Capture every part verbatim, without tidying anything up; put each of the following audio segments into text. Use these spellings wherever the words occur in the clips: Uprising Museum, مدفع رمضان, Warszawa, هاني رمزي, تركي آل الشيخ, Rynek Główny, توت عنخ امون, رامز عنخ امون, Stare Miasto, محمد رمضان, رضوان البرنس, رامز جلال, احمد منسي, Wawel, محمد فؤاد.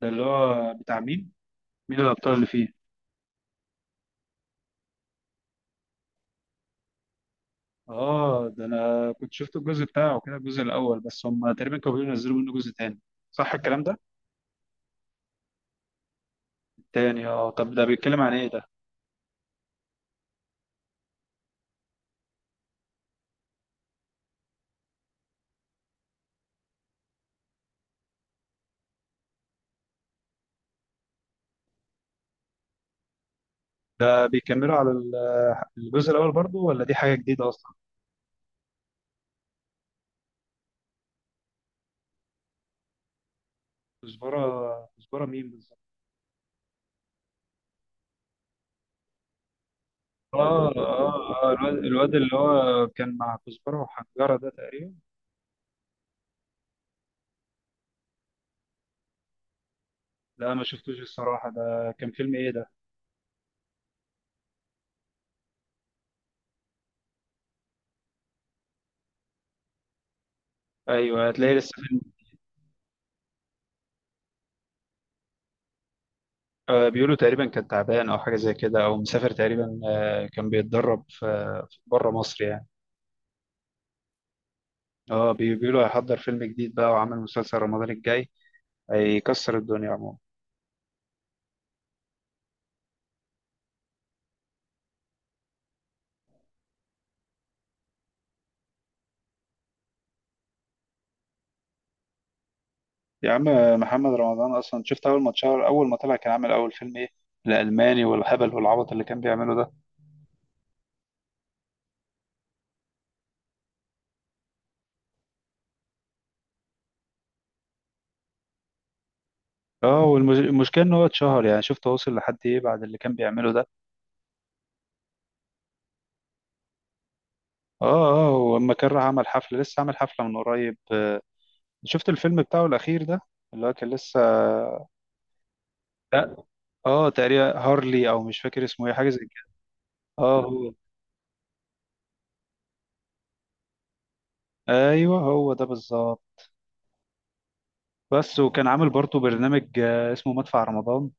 ده اللي هو بتاع مين؟ مين الأبطال اللي فيه؟ آه، ده أنا كنت شفت الجزء بتاعه كده الجزء الأول، بس هم تقريبا كانوا بيقولوا ينزلوا منه جزء تاني. صح الكلام ده؟ تاني آه. طب ده بيتكلم عن إيه ده؟ ده بيكملوا على ال- الجزء الأول برضو ولا دي حاجة جديدة أصلا؟ كزبرة كزبرة مين بالظبط؟ آه آه آه الواد الواد اللي هو كان مع كزبرة وحنجرة ده تقريبا. لا ما شفتوش الصراحة، ده كان فيلم إيه ده؟ أيوه هتلاقيه لسه. آه، بيقولوا تقريبا كان تعبان او حاجه زي كده او مسافر تقريبا، آه، كان بيتدرب في بره مصر يعني. اه بي- بيقولوا هيحضر فيلم جديد بقى وعامل مسلسل رمضان الجاي، هيكسر الدنيا عموما. يا عم محمد رمضان اصلا شفت اول ما اتشهر اول ما طلع كان عامل اول فيلم ايه، الالماني والهبل والعبط اللي كان بيعمله ده. اه والمشكله ان هو اتشهر، يعني شفت وصل لحد ايه بعد اللي كان بيعمله ده. اه اه، ولما كان راح عمل حفله لسه عامل حفله من قريب. آه، شفت الفيلم بتاعه الاخير ده اللي هو كان لسه. لا، اه تقريبا هارلي او مش فاكر اسمه ايه، حاجه زي كده. اه هو. ايوه هو ده بالظبط. بس وكان عامل برضه برنامج آه، اسمه مدفع رمضان.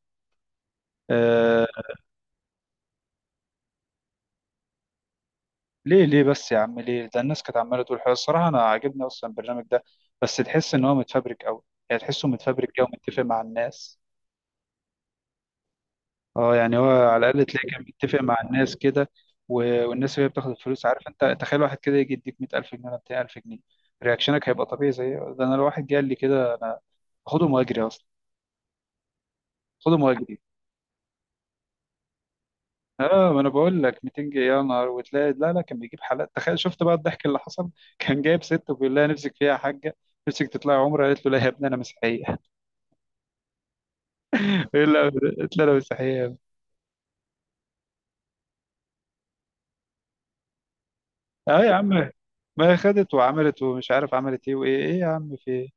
آه. ليه ليه بس يا عم ليه؟ ده الناس كانت عماله تقول حلو. الصراحه انا عاجبني اصلا البرنامج ده، بس تحس ان هو متفبرك قوي. يعني تحسه متفبرك كده ومتفق مع الناس. اه، يعني هو على الاقل تلاقي كان متفق مع الناس كده. و- والناس اللي هي بتاخد الفلوس، عارف انت تخيل واحد كده يجي يديك مية ألف جنيه ولا ميتين ألف جنيه؟ رياكشنك هيبقى طبيعي زي ده. انا لو واحد جه قال لي كده انا اخدهم واجري اصلا. خدوا مهاجرين. اه ما انا بقول لك ميتين جنيه، يا نهار! وتلاقي لا لا كان بيجيب حالات، تخيل، شفت بقى الضحك اللي حصل. كان جايب ست وبيقول لها نفسك فيها يا حاجه، نفسك تطلعي عمره، قالت له لا يا ابني انا مسيحيه. لا، قلت له انا مسيحيه! اه يا عم، ما هي خدت وعملت ومش عارف عملت ايه وايه ايه يا عم في ايه.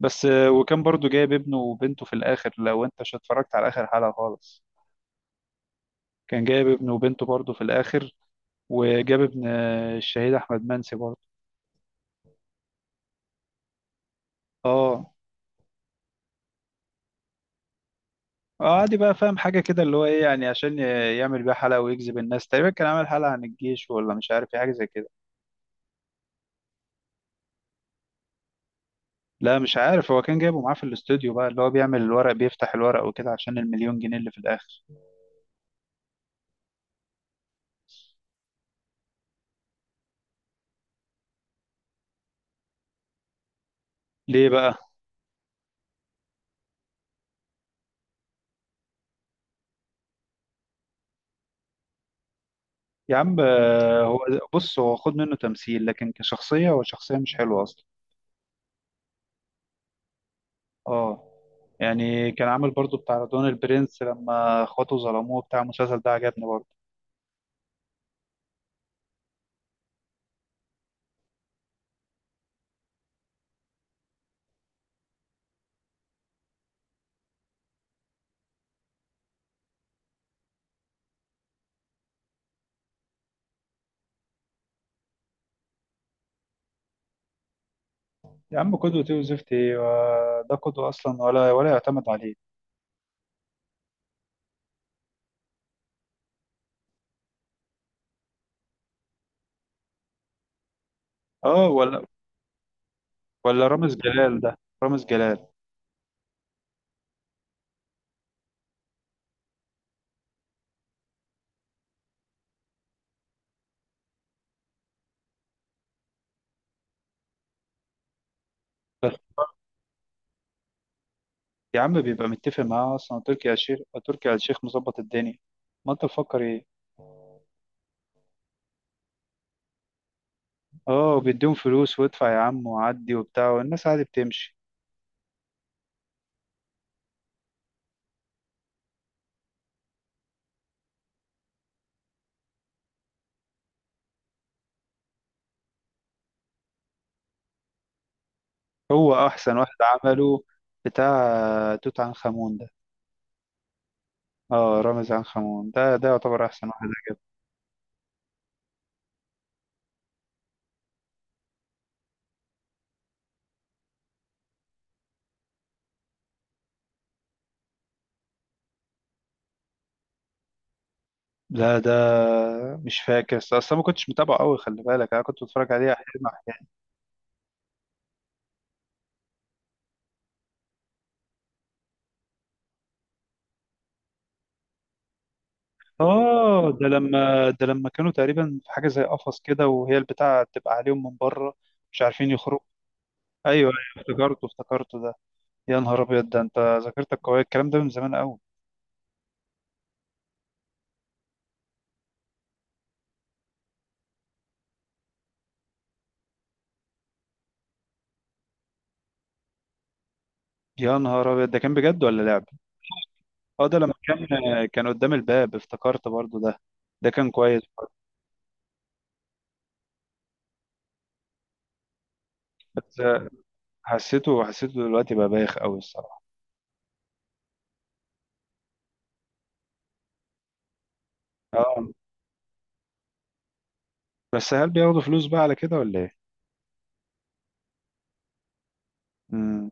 بس، آه، وكان برضو جايب ابنه وبنته في الاخر لو انت مش اتفرجت على اخر حلقه خالص. كان جايب ابنه وبنته برضو في الاخر، وجاب ابن آه، الشهيد احمد منسي برضو. اه عادي بقى، فاهم حاجة كده اللي هو ايه يعني عشان ي- يعمل بيها حلقة ويجذب الناس. تقريبا كان عامل حلقة عن الجيش ولا مش عارف ايه، حاجة زي كده. لا مش عارف، هو كان جايبه معاه في الاستوديو بقى، اللي هو بيعمل الورق بيفتح الورق وكده عشان المليون جنيه اللي في الآخر. ليه بقى؟ يا عم آه، هو بص، هو خد منه تمثيل لكن كشخصية هو شخصية مش حلوة أصلا. اه، يعني كان عامل برضو بتاع رضوان البرنس لما اخواته ظلموه، بتاع المسلسل ده عجبني برضه. يا عم قدوة ايه وزفت ايه و- ده قدوة أصلا ولا ولا يعتمد عليه. اه، ولا ولا رامز جلال ده، رامز جلال. بس يا عم بيبقى متفق معاه اصلا تركي آل الشيخ، تركي آل الشيخ مظبط الدنيا، ما انت مفكر ايه. اه بيديهم فلوس وادفع يا عم وعدي وبتاع، والناس عادي بتمشي. هو احسن واحد عمله بتاع توت عنخ امون ده. اه، رامز عنخ امون ده، ده يعتبر احسن واحد عجبني. لا ده مش فاكر، اصل أصل أنا ما كنتش متابعه قوي، خلي بالك انا كنت بتفرج عليه احيانا. اه ده لما، ده لما كانوا تقريبا في حاجه زي قفص كده وهي البتاعه تبقى عليهم من بره، مش عارفين يخرجوا. ايوه، أيوة، افتكرته افتكرته ده. يا نهار ابيض، ده انت ذاكرتك قويه، الكلام ده من زمان قوي. يا نهار ابيض، ده كان بجد ولا لعب؟ اه ده لما كان، كان قدام الباب، افتكرت برضو ده، ده كان كويس برضو. بس حسيته، حسيته دلوقتي بقى بايخ قوي الصراحه. اه، بس هل بياخدوا فلوس بقى على كده ولا ايه؟ امم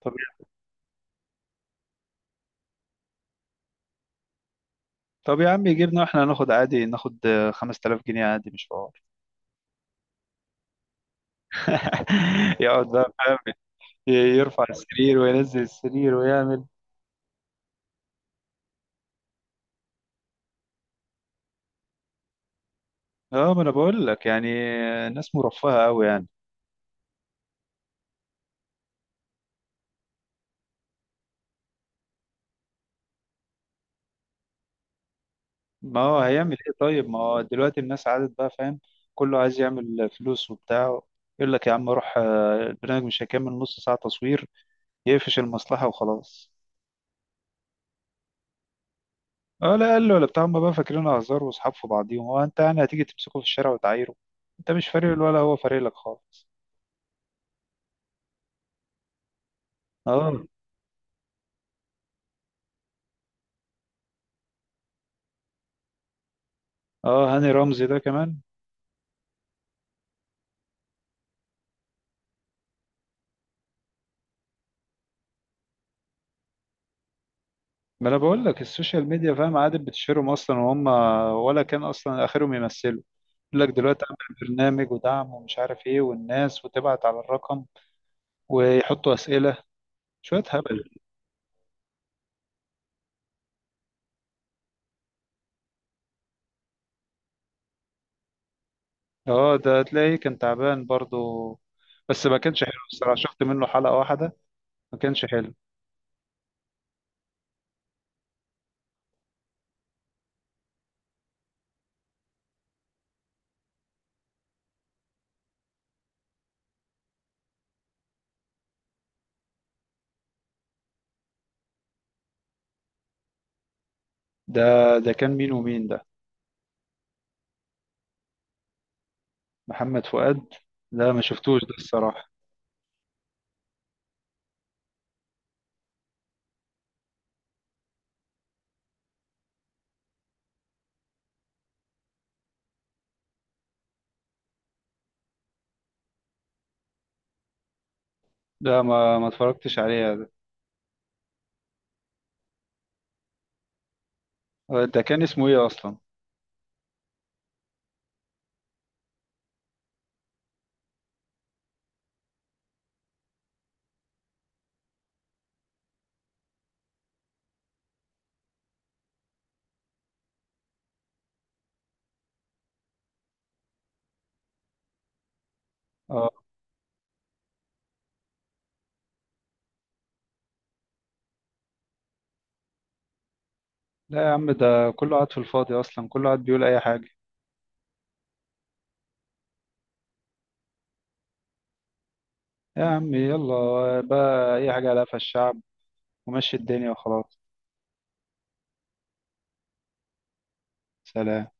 طب طب يا عم يجيبنا واحنا هناخد عادي، ناخد خمسة آلاف جنيه عادي مش حوار. يقعد بقى فاهم، يرفع السرير وينزل السرير ويعمل. اه ما انا بقول لك يعني الناس مرفهة قوي يعني. ما هو هيعمل ايه طيب؟ ما هو دلوقتي الناس عادت بقى فاهم، كله عايز يعمل فلوس وبتاع. يقول لك يا عم روح، آه، البرنامج مش هيكمل نص ساعة تصوير، يقفش المصلحة وخلاص. اه لا قال له ولا بتاع، هم بقى فاكرين هزار واصحاب في بعضيهم. هو انت يعني هتيجي تمسكه في الشارع وتعايره؟ انت مش فارق له ولا هو فارق لك خالص. اه اه هاني رمزي ده كمان. ما انا بقول لك، السوشيال ميديا فاهم عادي بتشهرهم اصلا، وهم ولا كان اصلا اخرهم يمثلوا. يقول لك دلوقتي اعمل برنامج ودعم ومش عارف ايه والناس، وتبعت على الرقم ويحطوا اسئله، شويه هبل. اه ده تلاقيه كان تعبان برضو، بس ما كانش حلو الصراحه، شفت منه حلقه واحده ما كانش حلو. ده، ده كان مين ومين ده؟ محمد فؤاد. لا ما شفتوش ده الصراحه. لا ما ما اتفرجتش عليه ده. ده كان اسمه ايه اصلا؟ اه لا يا عم، ده كله قاعد في الفاضي اصلا، كله قاعد بيقول اي حاجه. يا عم يلا بقى، اي حاجة على قفا الشعب، ومشي الدنيا وخلاص. سلام.